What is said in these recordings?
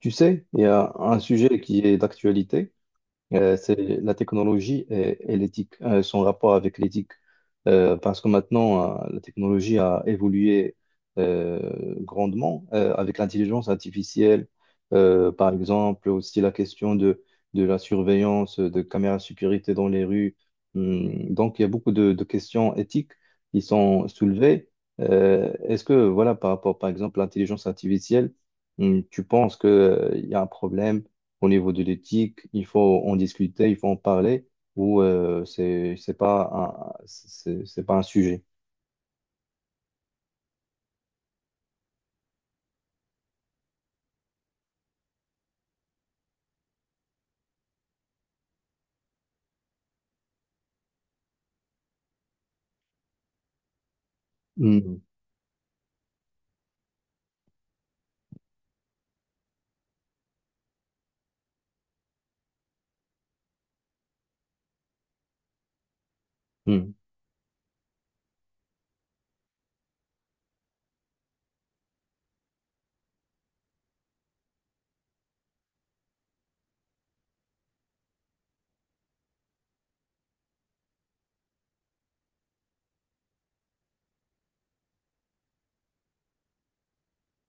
Tu sais, il y a un sujet qui est d'actualité. C'est la technologie et l'éthique, son rapport avec l'éthique. Parce que maintenant, la technologie a évolué grandement avec l'intelligence artificielle. Par exemple, aussi la question de la surveillance, de caméras de sécurité dans les rues. Donc, il y a beaucoup de questions éthiques qui sont soulevées. Est-ce que, voilà, par rapport, par exemple, à l'intelligence artificielle, tu penses qu'il y a un problème au niveau de l'éthique? Il faut en discuter, il faut en parler, ou c'est pas un, c'est pas un sujet. Mm, mm,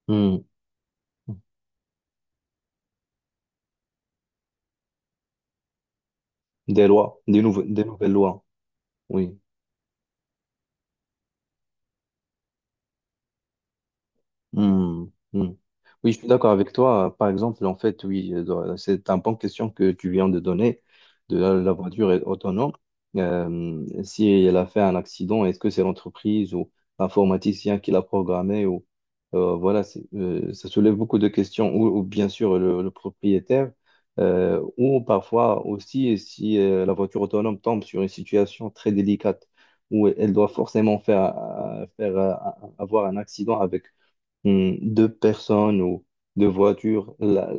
mm. Des lois, des nouvelles lois, oui. Hmm, hmm. Oui, je suis d'accord avec toi. Par exemple, en fait, oui, c'est un bon question que tu viens de donner de la voiture est autonome. Si elle a fait un accident, est-ce que c'est l'entreprise ou l'informaticien qui l'a programmé ou voilà, ça soulève beaucoup de questions, ou bien sûr le propriétaire, ou parfois aussi si la voiture autonome tombe sur une situation très délicate où elle doit forcément faire, faire avoir un accident avec de personnes ou de voitures.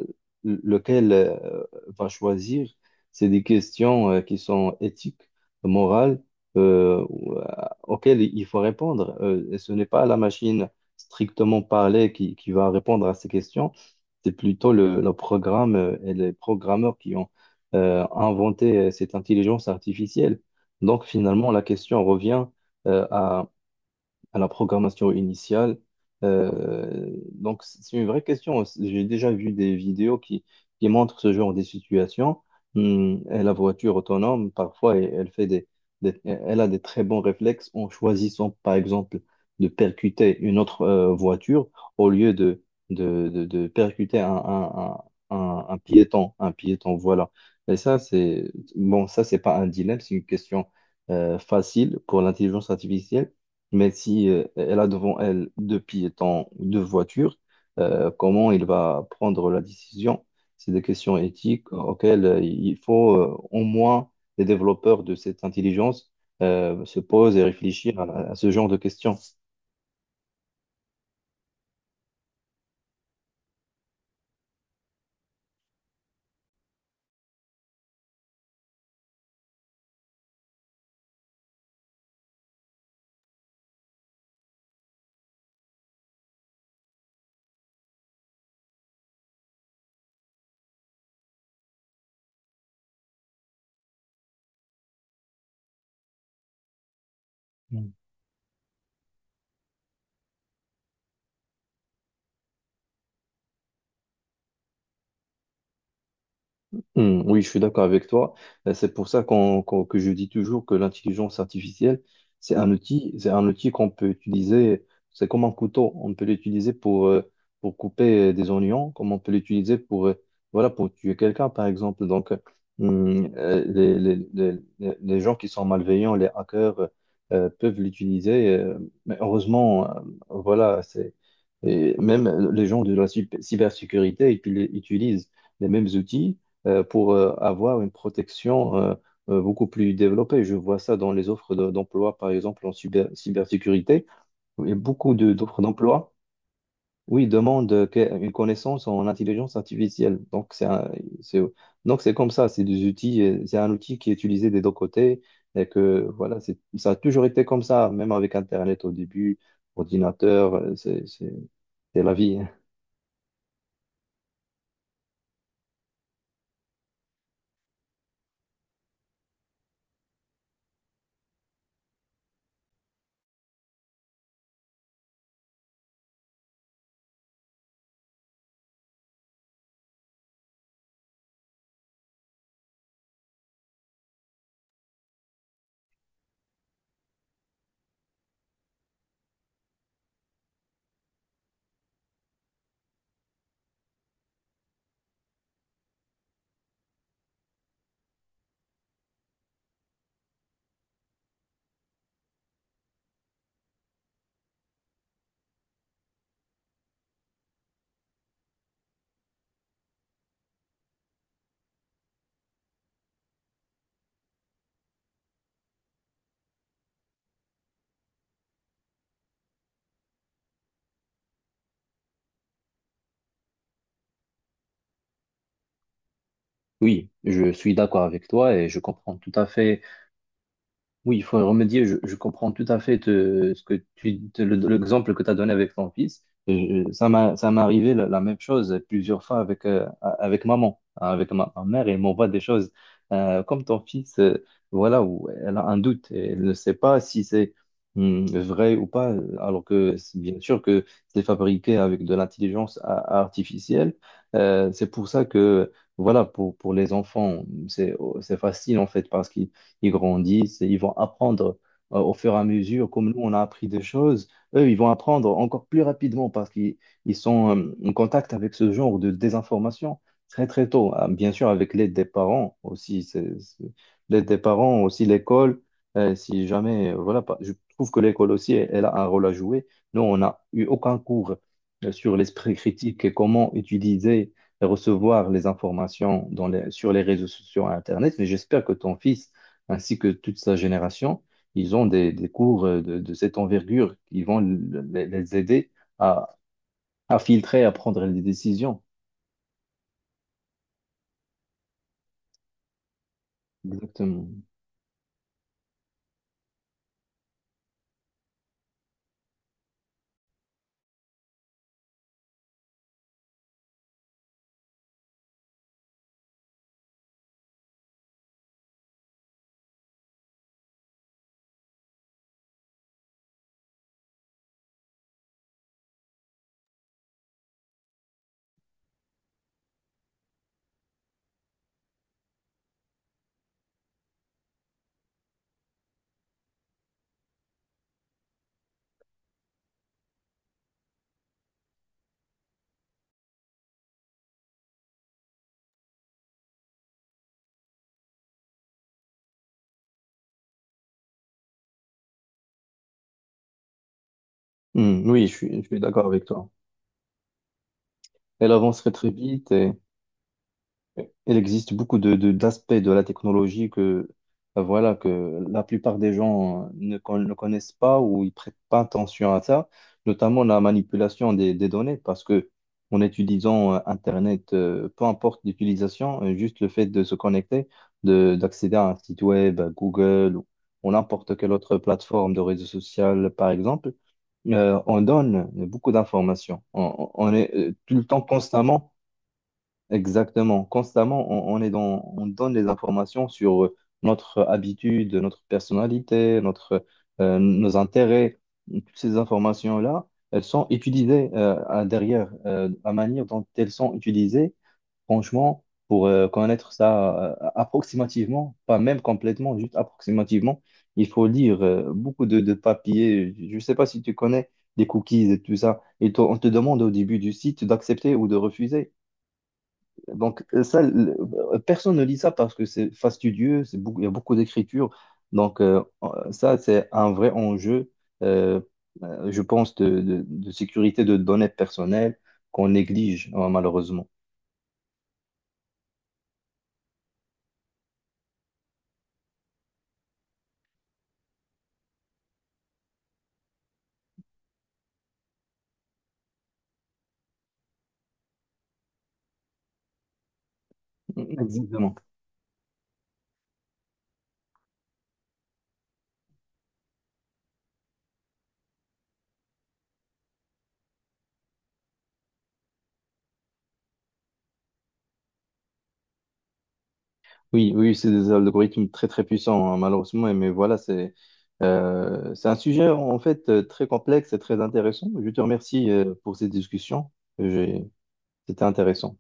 Lequel va choisir? C'est des questions qui sont éthiques, morales, euh, ou, euh, auxquelles il faut répondre. Et ce n'est pas la machine strictement parlée qui va répondre à ces questions, c'est plutôt le programme et les programmeurs qui ont inventé cette intelligence artificielle. Donc finalement, la question revient euh, à la programmation initiale. Donc, c'est une vraie question. J'ai déjà vu des vidéos qui montrent ce genre de situation. Et la voiture autonome, parfois, elle, elle fait elle a des très bons réflexes en choisissant, par exemple, de percuter une autre voiture au lieu de percuter un piéton. Un piéton, voilà. Et ça, c'est bon, ça, c'est pas un dilemme, c'est une question facile pour l'intelligence artificielle, mais si elle a devant elle deux piétons, deux voitures, comment il va prendre la décision? C'est des questions éthiques auxquelles il faut au moins les développeurs de cette intelligence se posent et réfléchir à ce genre de questions. Hmm, oui, je suis d'accord avec toi. C'est pour ça que je dis toujours que l'intelligence artificielle, c'est un outil qu'on peut utiliser, c'est comme un couteau, on peut l'utiliser pour couper des oignons, comme on peut l'utiliser pour, voilà, pour tuer quelqu'un, par exemple. Donc, hmm, euh, les, les, les, les gens qui sont malveillants, les hackers, peuvent l'utiliser, mais heureusement, voilà, c'est, et même les gens de la cybersécurité ils utilisent les mêmes outils pour avoir une protection beaucoup plus développée. Je vois ça dans les offres d'emploi, par exemple en cybersécurité. Et beaucoup d'offres d'emploi, oui, demandent une connaissance en intelligence artificielle. C'est, donc c'est comme ça, c'est des outils, c'est un outil qui est utilisé des deux côtés. Et que voilà, c'est, ça a toujours été comme ça, même avec Internet au début, ordinateur, c'est la vie. Oui, je suis d'accord avec toi et je comprends tout à fait. Oui, il faut y remédier. Je comprends tout à fait ce que tu l'exemple que tu as donné avec ton fils. Ça ça m'est arrivé la même chose plusieurs fois avec, avec maman, hein, avec ma mère. Elle m'envoie des choses comme ton fils, voilà, où elle a un doute. Et elle ne sait pas si c'est vrai ou pas, alors que c'est bien sûr que c'est fabriqué avec de l'intelligence artificielle. C'est pour ça que, voilà, pour les enfants, c'est facile en fait, parce que ils grandissent, et ils vont apprendre au fur et à mesure, comme nous, on a appris des choses, eux, ils vont apprendre encore plus rapidement parce qu'ils ils sont en contact avec ce genre de désinformation très, très tôt. Ah, bien sûr, avec l'aide des parents aussi, l'aide des parents, aussi l'école, si jamais, je trouve que l'école aussi, elle, elle a un rôle à jouer. Nous, on n'a eu aucun cours sur l'esprit critique et comment utiliser et recevoir les informations sur les réseaux sociaux et Internet, mais j'espère que ton fils ainsi que toute sa génération, ils ont des cours de cette envergure qui vont les aider à, à filtrer, à prendre les décisions. Exactement. Hmm, oui, je suis d'accord avec toi. Elle avancerait très vite et il existe beaucoup d'aspects de la technologie que, voilà, que la plupart des gens ne connaissent pas ou ils prêtent pas attention à ça, notamment la manipulation des données, parce que en utilisant Internet, peu importe l'utilisation, juste le fait de se connecter, d'accéder à un site web, à Google ou n'importe quelle autre plateforme de réseau social, par exemple, on donne beaucoup d'informations. On est tout le temps constamment. Exactement. Constamment, on est dans, on donne des informations sur notre habitude, notre personnalité, notre, nos intérêts. Toutes ces informations-là, elles sont utilisées derrière. La manière dont elles sont utilisées, franchement, pour connaître ça approximativement, pas même complètement, juste approximativement, il faut lire beaucoup de papiers. Je ne sais pas si tu connais des cookies et tout ça. Et on te demande au début du site d'accepter ou de refuser. Donc, euh, ça, le- Personne ne lit ça parce que c'est fastidieux, c'est beaucoup, il y a beaucoup d'écriture. Donc ça, c'est un vrai enjeu, euh, je pense, de sécurité de données personnelles qu'on néglige, malheureusement. Exactement. Oui, oui, c'est des algorithmes très, très puissants, hein, malheureusement. Mais voilà, c'est un sujet, en fait, très complexe et très intéressant. Je te remercie, pour cette discussion. J'ai- C'était intéressant.